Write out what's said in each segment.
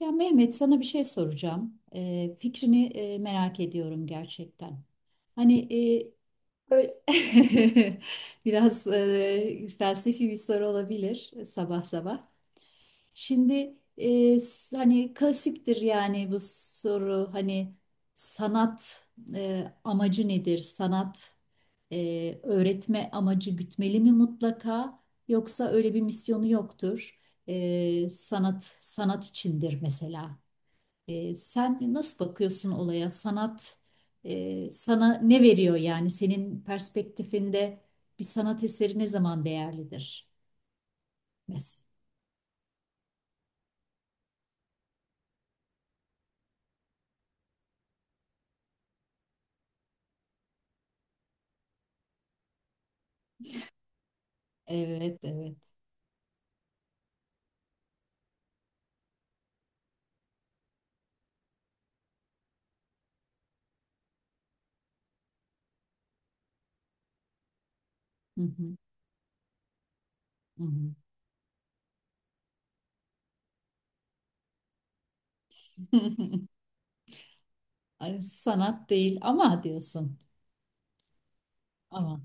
Ya Mehmet sana bir şey soracağım. Fikrini merak ediyorum gerçekten. Hani e, böyle biraz felsefi bir soru olabilir sabah sabah. Şimdi hani klasiktir yani bu soru hani sanat amacı nedir? Sanat öğretme amacı gütmeli mi mutlaka yoksa öyle bir misyonu yoktur? Sanat sanat içindir mesela. Sen nasıl bakıyorsun olaya? Sanat sana ne veriyor yani? Senin perspektifinde bir sanat eseri ne zaman değerlidir? Mesela. Evet, evet. Hı hı, hı hı. Ay, sanat değil ama diyorsun. Ama.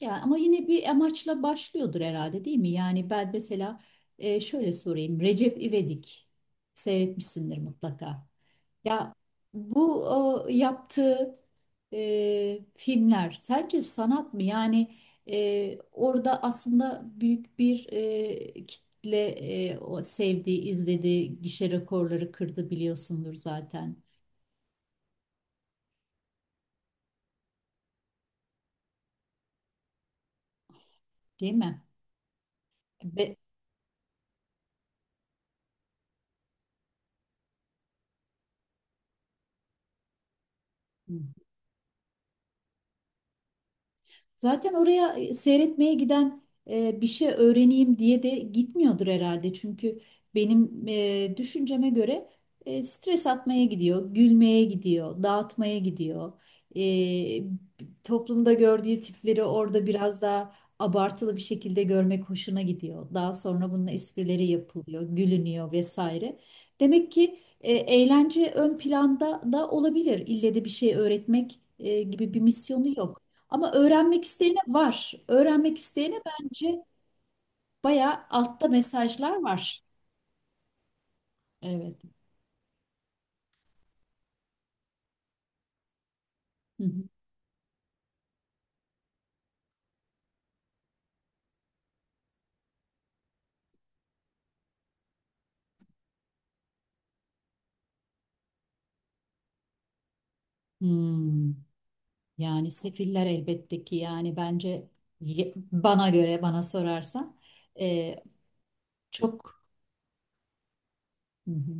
Ya ama yine bir amaçla başlıyordur herhalde değil mi? Yani ben mesela şöyle sorayım. Recep İvedik seyretmişsindir mutlaka. Ya bu o, yaptığı filmler sence sanat mı? Yani orada aslında büyük bir kitle o sevdiği, izlediği gişe rekorları kırdı biliyorsundur zaten, değil mi? Ve, zaten oraya seyretmeye giden bir şey öğreneyim diye de gitmiyordur herhalde. Çünkü benim düşünceme göre stres atmaya gidiyor, gülmeye gidiyor, dağıtmaya gidiyor. E, Toplumda gördüğü tipleri orada biraz daha abartılı bir şekilde görmek hoşuna gidiyor. Daha sonra bunun esprileri yapılıyor, gülünüyor vesaire. Demek ki eğlence ön planda da olabilir. İlle de bir şey öğretmek gibi bir misyonu yok. Ama öğrenmek isteyene var. Öğrenmek isteyene bence bayağı altta mesajlar var. Evet. Hı hı. Hmm. Yani sefiller elbette ki yani bence bana göre bana sorarsan e, çok. Hı hı.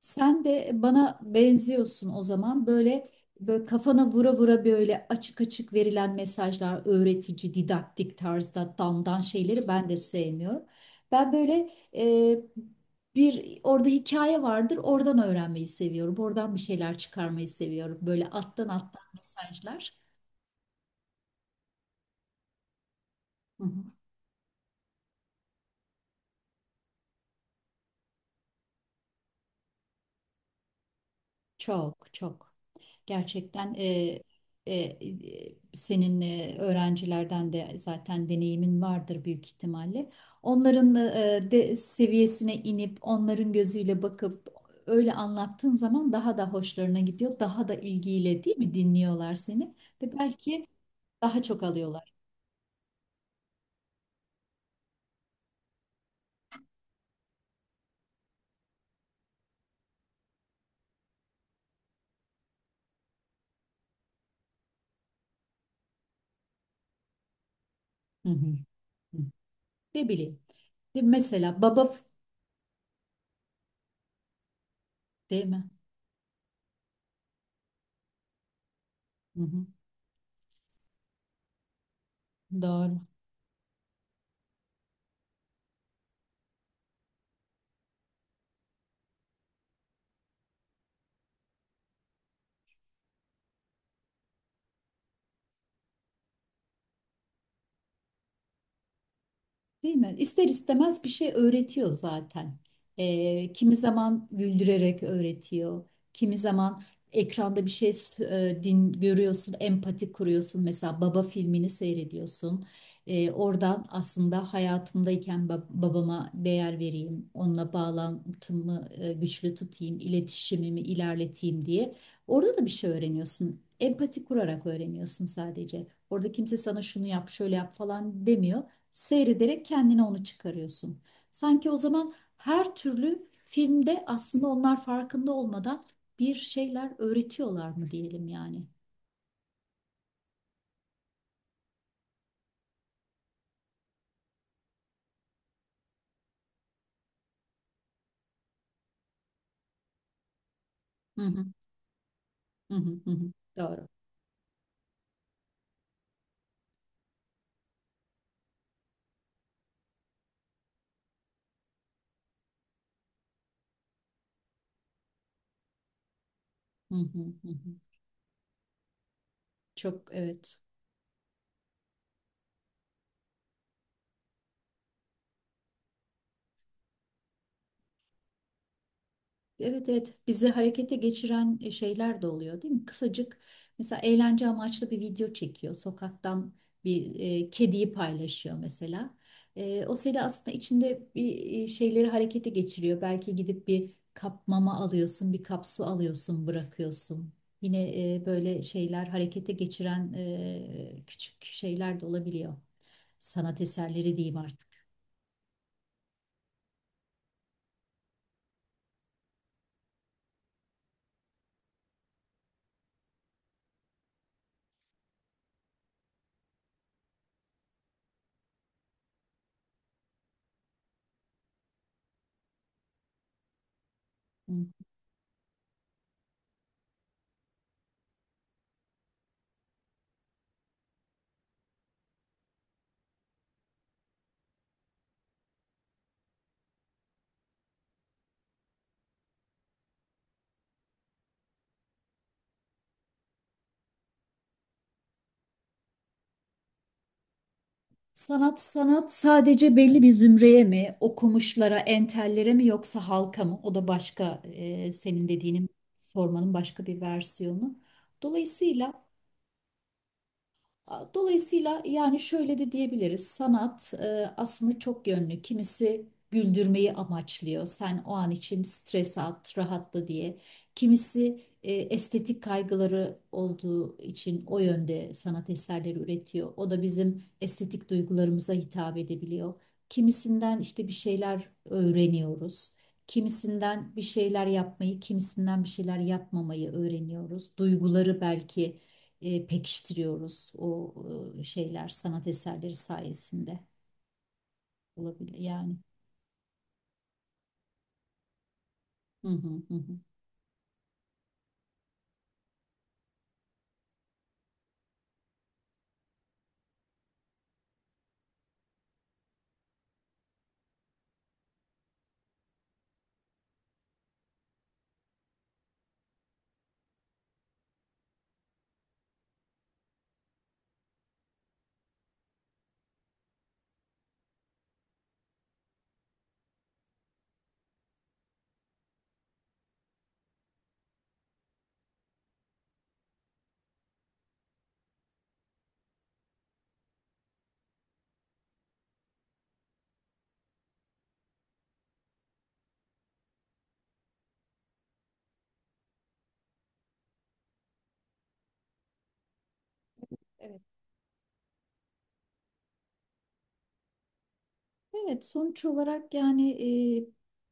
Sen de bana benziyorsun o zaman. Böyle böyle kafana vura vura böyle açık açık verilen mesajlar, öğretici, didaktik tarzda damdan şeyleri ben de sevmiyorum. Ben böyle e, bir orada hikaye vardır, oradan öğrenmeyi seviyorum. Oradan bir şeyler çıkarmayı seviyorum. Böyle alttan alttan mesajlar. Hı hı. Çok çok. Gerçekten senin öğrencilerden de zaten deneyimin vardır büyük ihtimalle. Onların de seviyesine inip onların gözüyle bakıp öyle anlattığın zaman daha da hoşlarına gidiyor. Daha da ilgiyle değil mi dinliyorlar seni ve belki daha çok alıyorlar. Hı hı. Hı. Ne bileyim. De mesela baba, değil mi? Hı hı. Doğru. Değil mi? İster istemez bir şey öğretiyor zaten. Kimi zaman güldürerek öğretiyor. Kimi zaman ekranda bir din görüyorsun, empati kuruyorsun. Mesela Baba filmini seyrediyorsun. Oradan aslında hayatımdayken babama değer vereyim, onunla bağlantımı güçlü tutayım, iletişimimi ilerleteyim diye. Orada da bir şey öğreniyorsun. Empati kurarak öğreniyorsun sadece. Orada kimse sana şunu yap, şöyle yap falan demiyor, seyrederek kendine onu çıkarıyorsun. Sanki o zaman her türlü filmde aslında onlar farkında olmadan bir şeyler öğretiyorlar mı diyelim yani. Hı hı, hı hı, hı hı. Doğru. Hı hı, hı hı. Çok evet. Evet, evet, bizi harekete geçiren şeyler de oluyor değil mi? Kısacık mesela eğlence amaçlı bir video çekiyor. Sokaktan bir kediyi paylaşıyor mesela. O seni aslında içinde bir şeyleri harekete geçiriyor. Belki gidip bir kap mama alıyorsun, bir kap su alıyorsun, bırakıyorsun. Yine böyle şeyler harekete geçiren küçük şeyler de olabiliyor. Sanat eserleri diyeyim artık. Sanat sanat sadece belli bir zümreye mi, okumuşlara, entellere mi yoksa halka mı? O da başka senin dediğinin sormanın başka bir versiyonu. Dolayısıyla Dolayısıyla yani şöyle de diyebiliriz. Sanat aslında çok yönlü. Kimisi güldürmeyi amaçlıyor. Sen o an için stres at, rahatla diye. Kimisi estetik kaygıları olduğu için o yönde sanat eserleri üretiyor. O da bizim estetik duygularımıza hitap edebiliyor. Kimisinden işte bir şeyler öğreniyoruz. Kimisinden bir şeyler yapmayı, kimisinden bir şeyler yapmamayı öğreniyoruz. Duyguları belki pekiştiriyoruz o şeyler sanat eserleri sayesinde olabilir yani. Hı hı hı. Hı. Evet, sonuç olarak yani e,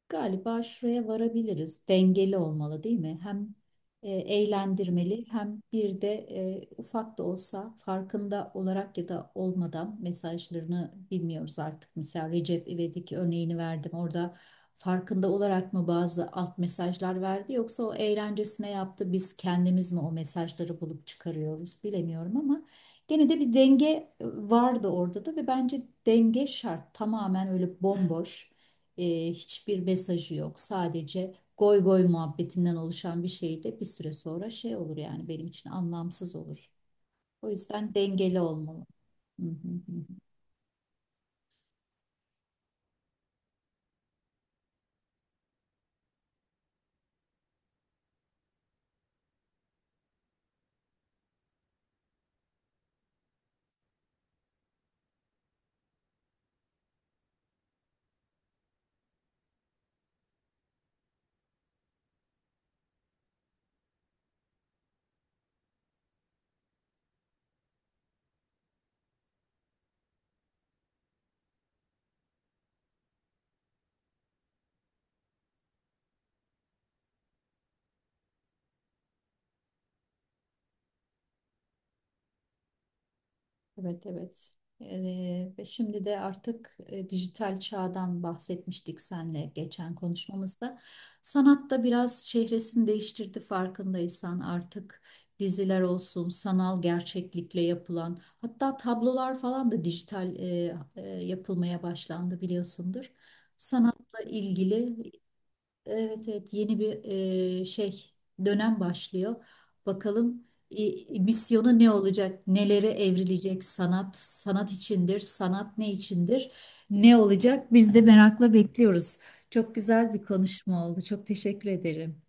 galiba şuraya varabiliriz. Dengeli olmalı değil mi? Hem eğlendirmeli hem bir de ufak da olsa farkında olarak ya da olmadan mesajlarını bilmiyoruz artık. Mesela Recep İvedik örneğini verdim. Orada farkında olarak mı bazı alt mesajlar verdi yoksa o eğlencesine yaptı. Biz kendimiz mi o mesajları bulup çıkarıyoruz bilemiyorum ama. Gene de bir denge vardı orada da ve bence denge şart. Tamamen öyle bomboş, hiçbir mesajı yok. Sadece goy goy muhabbetinden oluşan bir şey de bir süre sonra şey olur yani benim için anlamsız olur. O yüzden dengeli olmalı. Hı hı hı. Evet, evet. Ve şimdi de artık dijital çağdan bahsetmiştik senle geçen konuşmamızda. Sanat da biraz çehresini değiştirdi farkındaysan artık diziler olsun, sanal gerçeklikle yapılan hatta tablolar falan da dijital yapılmaya başlandı biliyorsundur. Sanatla ilgili evet, evet, yeni bir e, şey dönem başlıyor. Bakalım misyonu ne olacak? Nelere evrilecek sanat? Sanat içindir. Sanat ne içindir? Ne olacak? Biz de merakla bekliyoruz. Çok güzel bir konuşma oldu. Çok teşekkür ederim.